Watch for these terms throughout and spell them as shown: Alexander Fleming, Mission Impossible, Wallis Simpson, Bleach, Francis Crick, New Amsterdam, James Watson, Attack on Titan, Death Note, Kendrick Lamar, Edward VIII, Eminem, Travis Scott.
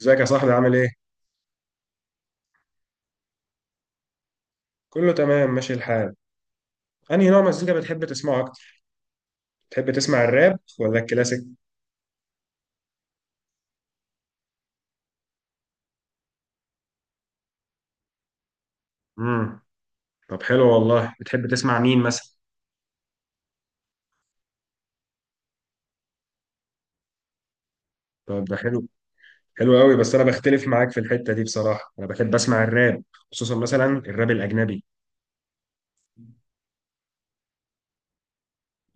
ازيك يا صاحبي عامل ايه؟ كله تمام ماشي الحال. انهي نوع مزيكا بتحب تسمعه اكتر؟ بتحب تسمع الراب ولا الكلاسيك؟ امم. طب حلو والله، بتحب تسمع مين مثلا؟ طب ده حلو، حلو قوي، بس انا بختلف معاك في الحتة دي بصراحة، انا بحب اسمع الراب خصوصا مثلا الراب الاجنبي.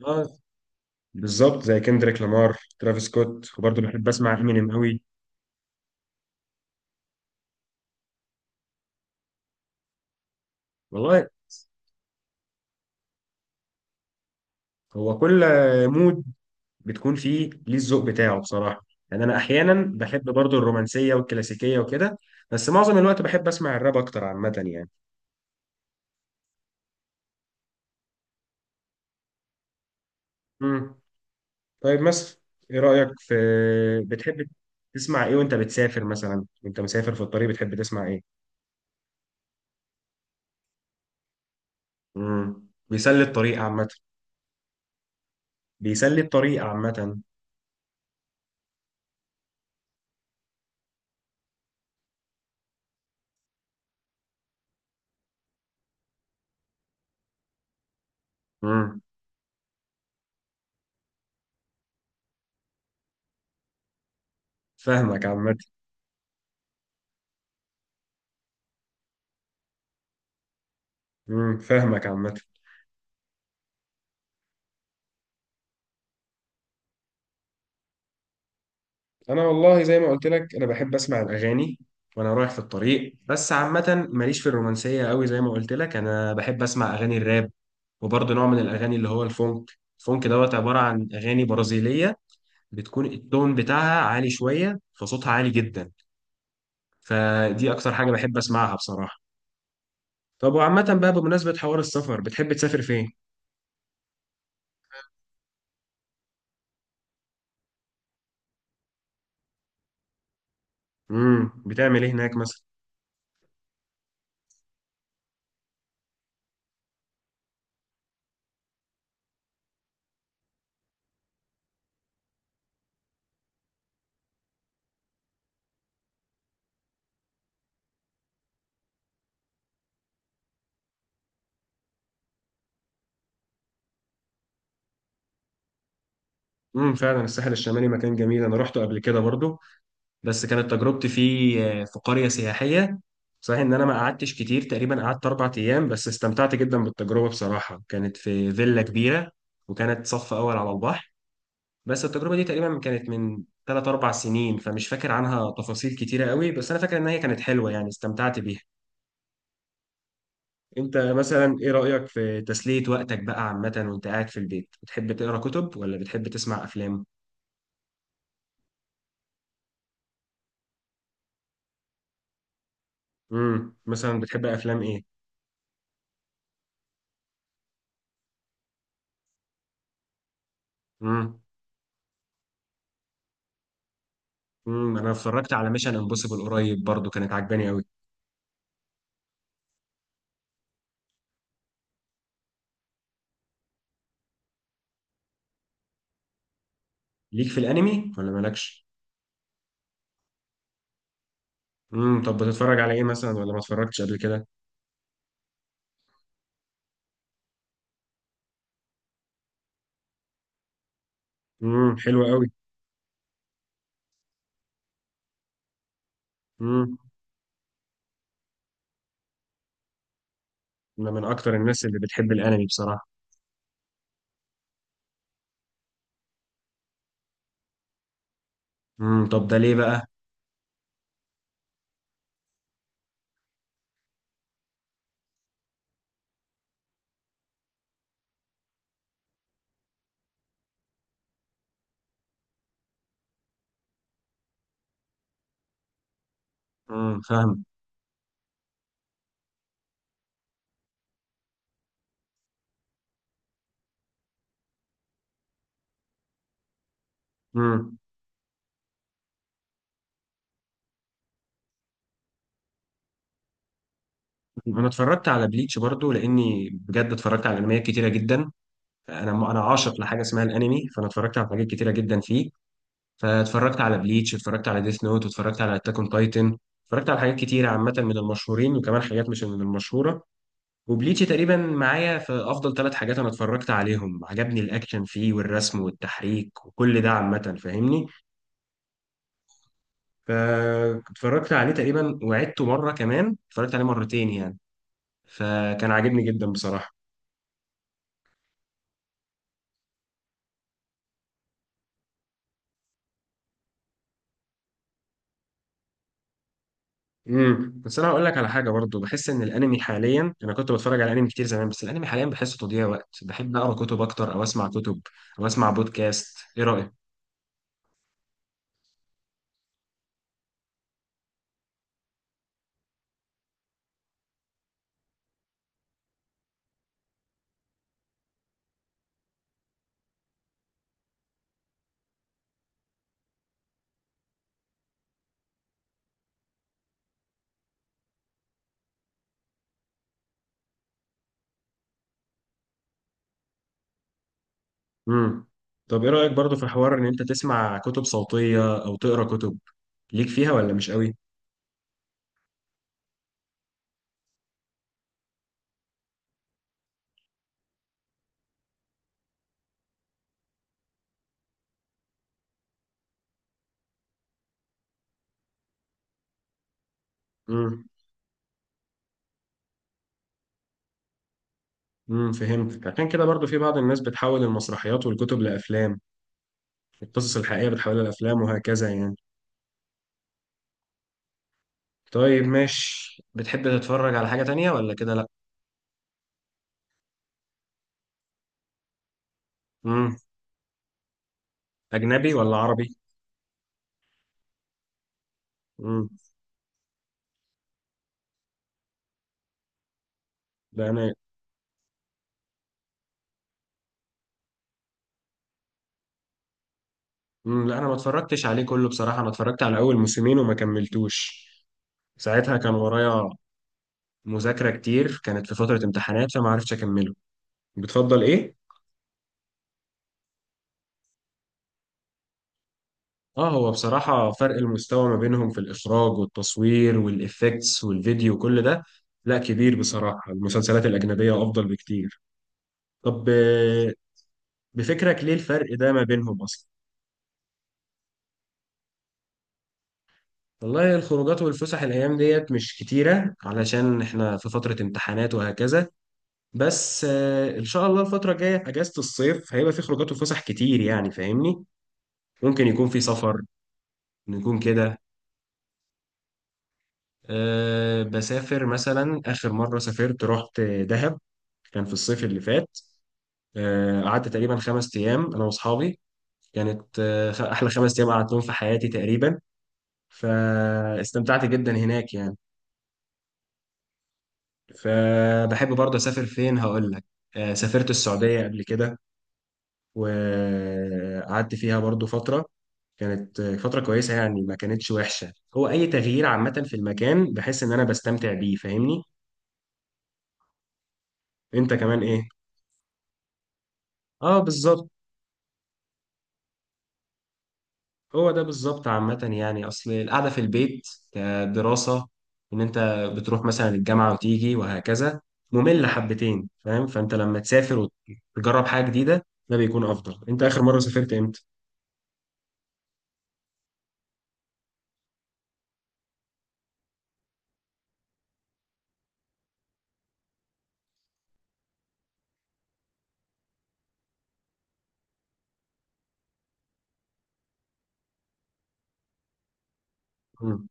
اه، بالظبط زي كندريك لامار، ترافيس سكوت، وبرضه بحب اسمع امينيم قوي. والله، هو كل مود بتكون فيه ليه الذوق بتاعه بصراحة. يعني أنا أحيانا بحب برضو الرومانسية والكلاسيكية وكده، بس معظم الوقت بحب أسمع الراب أكتر عامة يعني. مم. طيب مثلا، إيه رأيك في بتحب تسمع إيه وأنت بتسافر مثلا، وأنت مسافر في الطريق بتحب تسمع إيه؟ مم. بيسلي الطريق عامة. بيسلي الطريق عامة مم. فاهمك عامة. مم. فاهمك عامة. انا والله زي ما قلت لك، انا بحب اسمع الاغاني وانا رايح في الطريق، بس عامه ماليش في الرومانسيه قوي. زي ما قلت لك انا بحب اسمع اغاني الراب، وبرضه نوع من الاغاني اللي هو الفونك. الفونك دوت عباره عن اغاني برازيليه، بتكون التون بتاعها عالي شويه، فصوتها عالي جدا، فدي اكتر حاجه بحب اسمعها بصراحه. طب وعامه بقى، بمناسبه حوار السفر، بتحب تسافر فين؟ بتعمل ايه هناك مثلا؟ فعلا الساحل الشمالي مكان جميل، انا روحته قبل كده برضه، بس كانت تجربتي فيه في قرية سياحية. صحيح ان انا ما قعدتش كتير، تقريبا قعدت 4 ايام، بس استمتعت جدا بالتجربة بصراحة. كانت في فيلا كبيرة، وكانت صف اول على البحر. بس التجربة دي تقريبا كانت من ثلاث اربع سنين، فمش فاكر عنها تفاصيل كتيرة قوي، بس انا فاكر ان هي كانت حلوة يعني، استمتعت بيها. انت مثلا ايه رأيك في تسلية وقتك بقى عامة وانت قاعد في البيت؟ بتحب تقرا كتب ولا بتحب تسمع افلام؟ مثلا بتحب افلام؟ ايه. انا اتفرجت على ميشن امبوسيبل قريب برضو، كانت عجباني قوي. ليك في الانمي ولا مالكش؟ طب بتتفرج على ايه مثلا، ولا ما اتفرجتش قبل كده؟ حلو قوي. امم انا من اكتر الناس اللي بتحب الانمي بصراحه. طب ده ليه بقى؟ فاهم. امم انا اتفرجت على بليتش برضو، لاني بجد اتفرجت على انميات كتيره جدا. انا عاشق لحاجه اسمها الانمي، فانا اتفرجت على حاجات كتيره جدا فيه. فاتفرجت على بليتش، اتفرجت على ديث نوت، واتفرجت على اتاك اون تايتن. اتفرجت على حاجات كتيره عامه من المشهورين، وكمان حاجات مش من المشهوره. وبليتشي تقريبا معايا في افضل ثلاث حاجات انا اتفرجت عليهم. عجبني الاكشن فيه والرسم والتحريك وكل ده عامه، فاهمني؟ فاتفرجت عليه تقريبا وعدته مره كمان، اتفرجت عليه مرتين يعني، فكان عاجبني جدا بصراحه. بس انا هقول لك على حاجه برضو. بحس ان الانمي حاليا، انا كنت بتفرج على انمي كتير زمان، بس الانمي حاليا بحسه تضييع وقت. بحب اقرا كتب اكتر او اسمع كتب او اسمع بودكاست. ايه رايك؟ امم طب ايه رايك برضو في حوار ان انت تسمع كتب صوتيه او تقرا كتب؟ ليك فيها ولا مش قوي؟ امم. فهمتك، عشان كده برضو في بعض الناس بتحول المسرحيات والكتب لأفلام، القصص الحقيقية بتحولها لأفلام وهكذا يعني. طيب ماشي، بتحب تتفرج على حاجة تانية ولا كده لا؟ امم أجنبي ولا عربي؟ امم لا أنا لا أنا ما اتفرجتش عليه كله بصراحة، أنا اتفرجت على أول موسمين وما كملتوش. ساعتها كان ورايا مذاكرة كتير، كانت في فترة امتحانات فما عرفتش أكمله. بتفضل إيه؟ اه، هو بصراحة فرق المستوى ما بينهم في الإخراج والتصوير والإفكتس والفيديو، كل ده لا كبير بصراحة، المسلسلات الأجنبية أفضل بكتير. طب بفكرك ليه الفرق ده ما بينهم أصلا؟ والله الخروجات والفسح الأيام ديت مش كتيرة علشان إحنا في فترة امتحانات وهكذا، بس إن شاء الله الفترة الجاية أجازة الصيف هيبقى في خروجات وفسح كتير يعني، فاهمني؟ ممكن يكون في سفر، نكون كده. أه، بسافر مثلا. آخر مرة سافرت رحت دهب، كان في الصيف اللي فات. أه، قعدت تقريبا 5 أيام أنا وأصحابي. كانت أحلى 5 أيام قعدتهم في حياتي تقريبا، فاستمتعت جدا هناك يعني. فبحب برضه أسافر فين، هقول لك. أه، سافرت السعودية قبل كده وقعدت فيها برضه فترة. كانت فترة كويسة يعني، ما كانتش وحشة. هو أي تغيير عامة في المكان بحس إن أنا بستمتع بيه، فاهمني؟ أنت كمان إيه؟ اه، بالظبط. هو ده بالظبط عامة يعني، أصل القعدة في البيت كدراسة، إن أنت بتروح مثلا الجامعة وتيجي وهكذا، مملة حبتين فاهم؟ فأنت لما تسافر وتجرب حاجة جديدة ده بيكون أفضل. أنت آخر مرة سافرت إمتى؟ مم.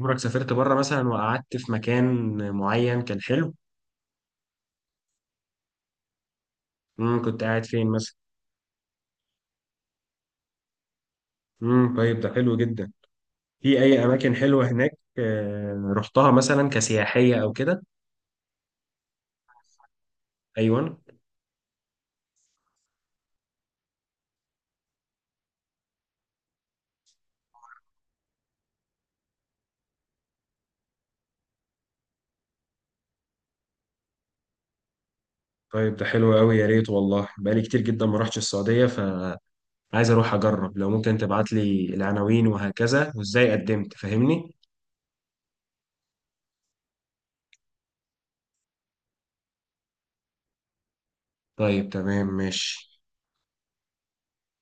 عمرك سافرت بره مثلا وقعدت في مكان معين كان حلو؟ مم. كنت قاعد فين مثلا؟ مم. طيب ده حلو جدا، في أي أماكن حلوة هناك رحتها مثلا كسياحية أو كده؟ أيوه. طيب ده حلو قوي، يا ريت والله. بقالي كتير جدا ما رحتش السعودية، فعايز اروح اجرب. لو ممكن تبعت لي العناوين وهكذا، وازاي قدمت، فاهمني؟ طيب تمام ماشي.